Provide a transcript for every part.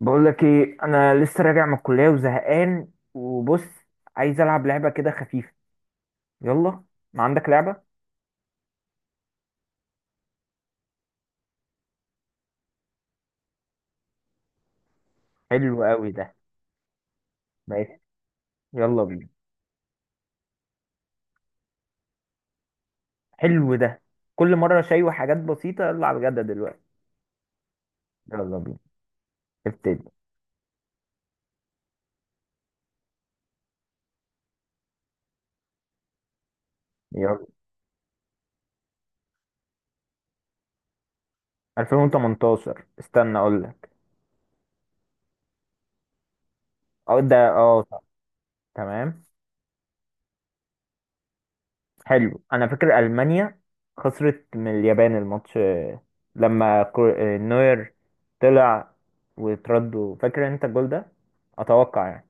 بقول لك ايه؟ انا لسه راجع من الكليه وزهقان. وبص، عايز العب لعبه كده خفيفه. يلا، ما عندك لعبه؟ حلو قوي ده. ماشي، يلا بينا. حلو ده. كل مره شاي وحاجات بسيطه، يلا على الجد دلوقتي. يلا بينا، ابتدي. يلا. 2018، استنى اقول لك. اه ده، اه صح. تمام. حلو، انا فاكر المانيا خسرت من اليابان الماتش. آه، لما نوير طلع. وتردوا، فاكر انت الجول ده؟ اتوقع يعني.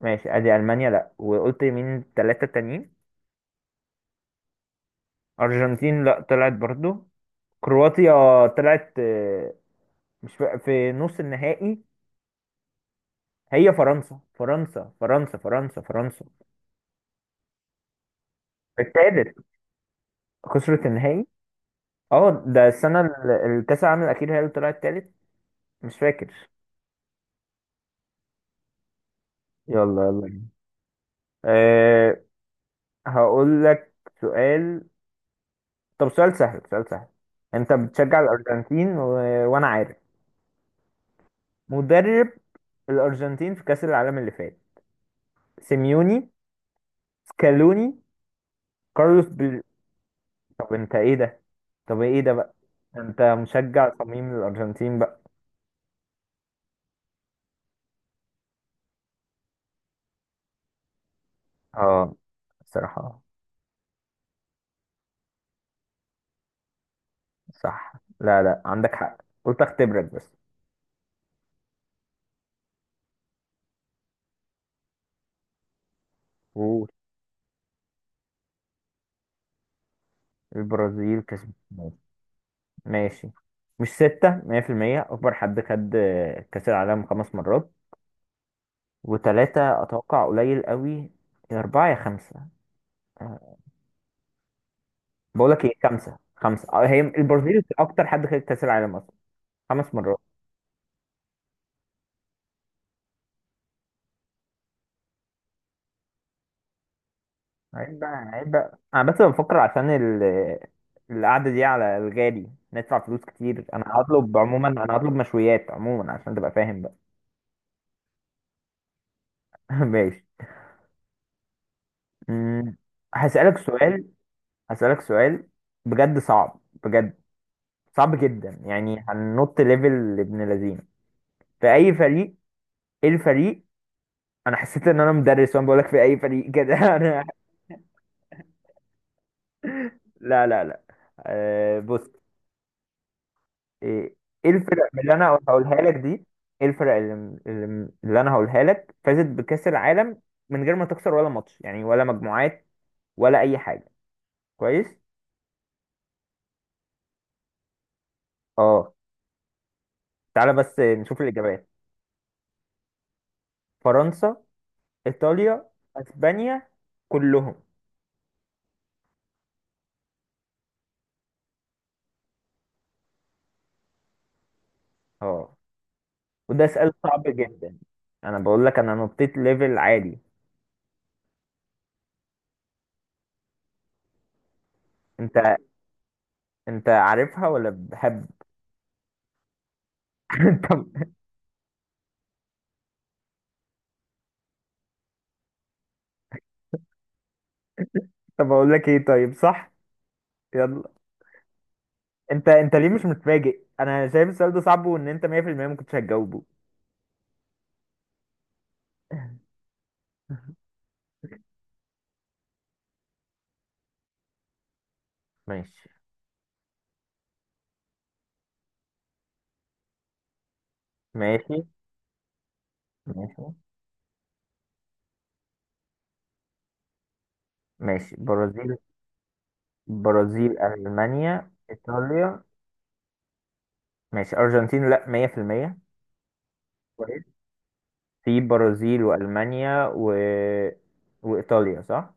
ماشي، ادي المانيا لا، وقلت مين التلاتة التانيين. ارجنتين لا، طلعت برضو. كرواتيا طلعت. مش فا- في نص النهائي. هي فرنسا فرنسا فرنسا فرنسا فرنسا. التالت، خسرت النهائي. اه ده السنة الكاس العالم الأخير، هي اللي طلعت تالت. مش فاكر. يلا يلا. أه هقول لك سؤال. طب سؤال سهل، سؤال سهل. انت بتشجع الأرجنتين و... وانا عارف. مدرب الأرجنتين في كأس العالم اللي فات. سيميوني، سكالوني، كارلوس بيل. طب انت ايه ده؟ طب ايه ده بقى؟ انت مشجع صميم للارجنتين بقى. اه الصراحة. صح، لا لا، عندك حق. قلت اختبرك بس. قول. البرازيل كسب. ماشي. مش ستة، مية في المية أكبر حد خد كأس العالم 5 مرات. وتلاتة أتوقع قليل قوي. يا أربعة يا خمسة. بقول لك إيه، خمسة خمسة. هي البرازيل أكتر حد خد كأس العالم أصلا 5 مرات. عيب بقى، عيب بقى. انا بس بفكر عشان ال... القعده دي على الغالي، ندفع فلوس كتير. انا هطلب عموما، انا هطلب مشويات عموما عشان تبقى فاهم بقى. ماشي. أمم، هسألك سؤال. هسألك سؤال بجد، صعب بجد. صعب جدا يعني، هننط ليفل ابن لذين. في اي فريق؟ ايه الفريق؟ انا حسيت ان انا مدرس وانا بقول لك في اي فريق كده. انا. لا لا لا. بص. ايه، إيه الفرق من اللي انا هقولها لك دي؟ ايه الفرق اللي انا هقولها لك فازت بكأس العالم من غير ما تخسر ولا ماتش، يعني ولا مجموعات ولا اي حاجة. كويس. اه. تعالى بس نشوف الاجابات. فرنسا، ايطاليا، اسبانيا، كلهم. اه وده سؤال صعب جدا. انا بقول لك، انا نطيت ليفل عالي. انت انت عارفها ولا بحب؟ طب. طب اقول لك ايه، طيب صح. يلا. انت، انت ليه مش متفاجئ؟ انا شايف السؤال ده صعب وان انت 100% ما كنتش هتجاوبه. ماشي ماشي ماشي ماشي. برازيل. برازيل ألمانيا إيطاليا. ماشي أرجنتين، لا 100%. كويس. في برازيل وألمانيا و... وإيطاليا، صح.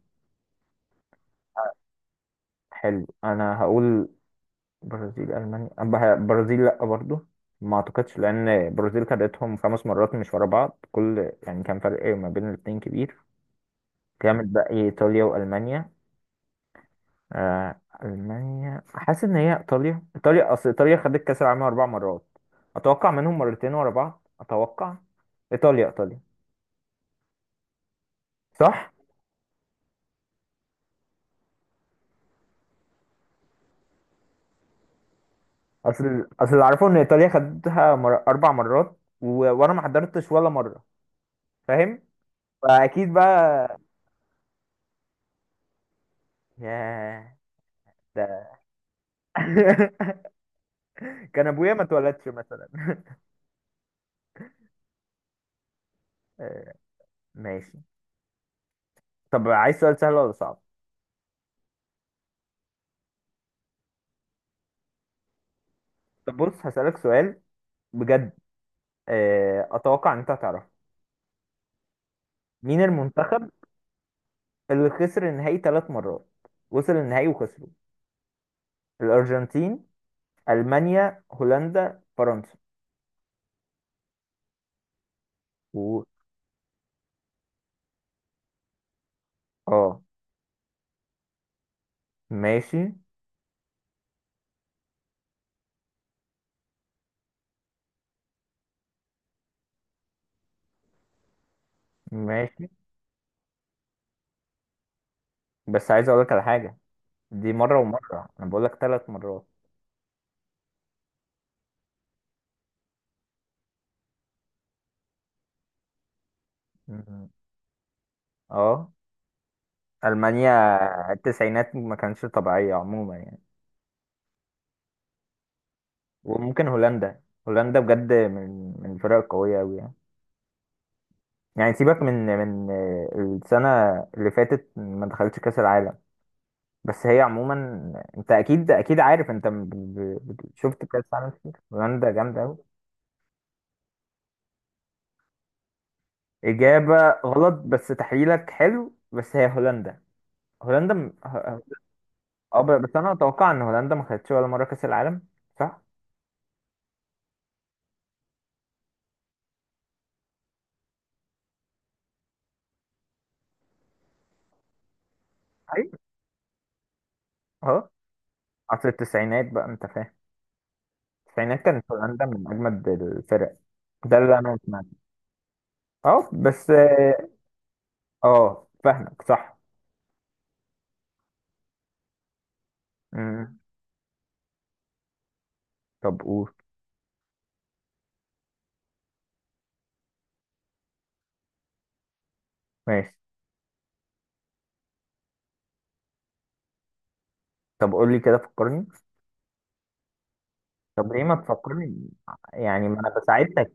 حلو، أنا هقول. برازيل ألمانيا برازيل لا برضو، ما أعتقدش، لأن برازيل خدتهم 5 مرات مش ورا بعض، كل يعني كان فرق ما بين الاتنين كبير. كام الباقي؟ إيطاليا وألمانيا. ألمانيا، حاسس إن هي إيطاليا. إيطاليا، أصل إيطاليا خدت كأس العالم 4 مرات، أتوقع منهم مرتين ورا بعض، أتوقع. إيطاليا، إيطاليا. صح؟ أصل أصل اللي أعرفه إن إيطاليا خدتها 4 مرات و... وأنا ما حضرتش ولا مرة. فاهم؟ فأكيد بقى. ياه. ده. كان أبويا ما اتولدش مثلا. آه، ماشي. طب عايز سؤال سهل ولا صعب؟ طب بص هسألك سؤال بجد. أتوقع إن أنت هتعرفه. مين المنتخب اللي خسر النهائي 3 مرات، وصل النهائي وخسره؟ الأرجنتين، ألمانيا، هولندا، فرنسا. و... اه. ماشي، ماشي، بس عايز اقول لك على حاجة. دي مرة ومرة، انا بقول لك 3 مرات. مم. اه. ألمانيا، التسعينات ما كانتش طبيعية عموما يعني. وممكن هولندا. هولندا بجد، من الفرق القوية أوي يعني. يعني سيبك من من السنة اللي فاتت ما دخلتش كأس العالم، بس هي عموما. انت اكيد اكيد عارف، انت شفت كاس عالم كتير، هولندا جامده قوي. اجابه غلط، بس تحليلك حلو، بس هي هولندا. هولندا. بس انا اتوقع ان هولندا ما خدتش ولا مره كاس العالم، صح؟ ايوه. اه. اصل التسعينات بقى انت فاهم، التسعينات كانت هولندا من اجمد الفرق. ده اللي انا سمعته. اه بس. اه فاهمك، صح. مم. طب قول. ماشي. طب قول لي كده، فكرني. طب ليه ما تفكرني؟ يعني ما انا بساعدتك.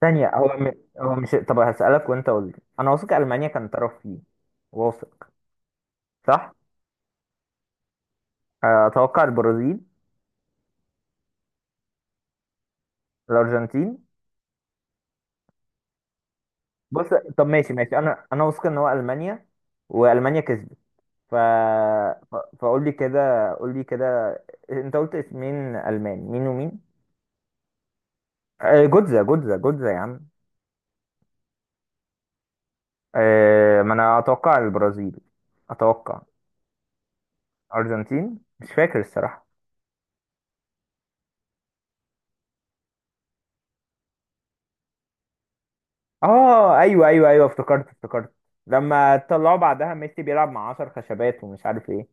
ثانية، هو مش، طب هسألك وانت قول لي. انا واثق المانيا كان طرف فيه. واثق. صح. اتوقع البرازيل. الارجنتين. بص. طب ماشي، ماشي، انا واثق ان هو المانيا والمانيا كسبت. ف... فقول لي كده، قول لي كده. انت قلت اسمين، المان مين ومين؟ جوتزا جوتزا جوتزا يا عم. ما انا اتوقع البرازيل، اتوقع. ارجنتين، مش فاكر الصراحة. اه ايوه ايوه ايوه، افتكرت افتكرت. لما طلعوا بعدها، ميسي بيلعب مع 10 خشبات ومش عارف ايه.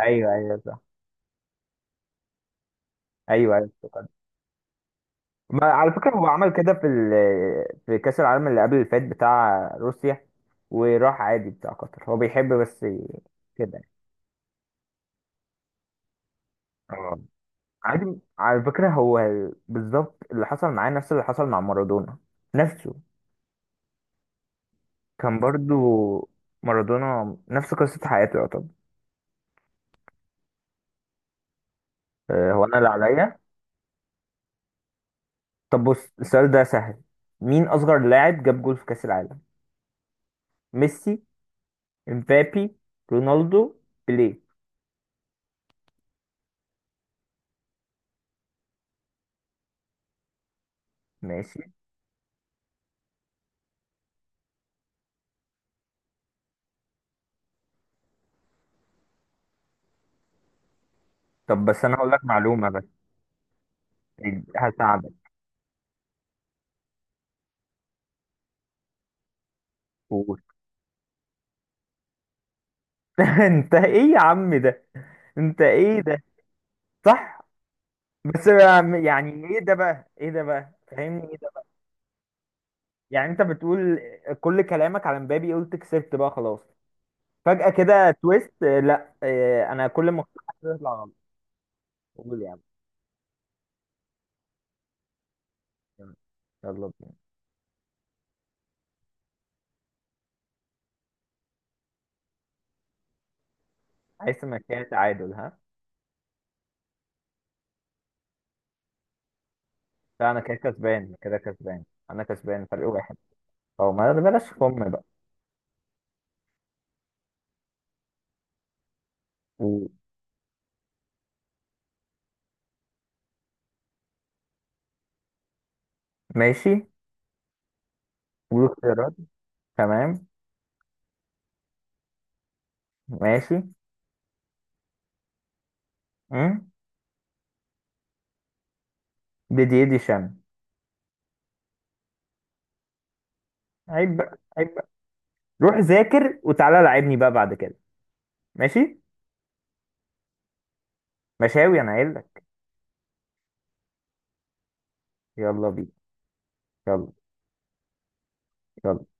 ايوه ايوه صح. ايوه ايوه افتكرت. ما على فكره هو عمل كده في ال... في كاس العالم اللي قبل اللي فات بتاع روسيا، وراح عادي بتاع قطر، هو بيحب بس كده. اه. عادي على فكره، هو بالظبط اللي حصل معاه نفس اللي حصل مع مارادونا نفسه. كان برضو مارادونا نفس قصه حياته يعتبر. هو انا اللي عليا. طب بص السؤال ده سهل. مين أصغر لاعب جاب جول في كأس العالم؟ ميسي، امبابي، رونالدو، بيليه. ماشي. طب بس أنا هقول لك معلومة، بس هساعدك. قول. أنت إيه يا عم ده؟ أنت إيه ده؟ صح. بس. يعني إيه ده بقى؟ إيه ده بقى، فاهمني؟ إيه ده بقى؟ يعني أنت بتقول كل كلامك على امبابي، قلت كسبت بقى خلاص، فجأة كده تويست. آه، لا آه، أنا كل ما أقول حاجة تطلع غلط. قول يا عم، يلا بينا. عايز مكان تعادل، ها؟ لا انا كده كسبان، كده كسبان، انا كسبان فرق واحد. او ما بلاش فم بقى. و- ماشي. قول اختيارات. تمام. ماشي. امم دي دي دي شان. عيب بقى، عيب بقى. روح ذاكر وتعالى لعبني بقى بعد كده. ماشي. مشاوي انا قايل لك. يلا بينا. يلا يلا.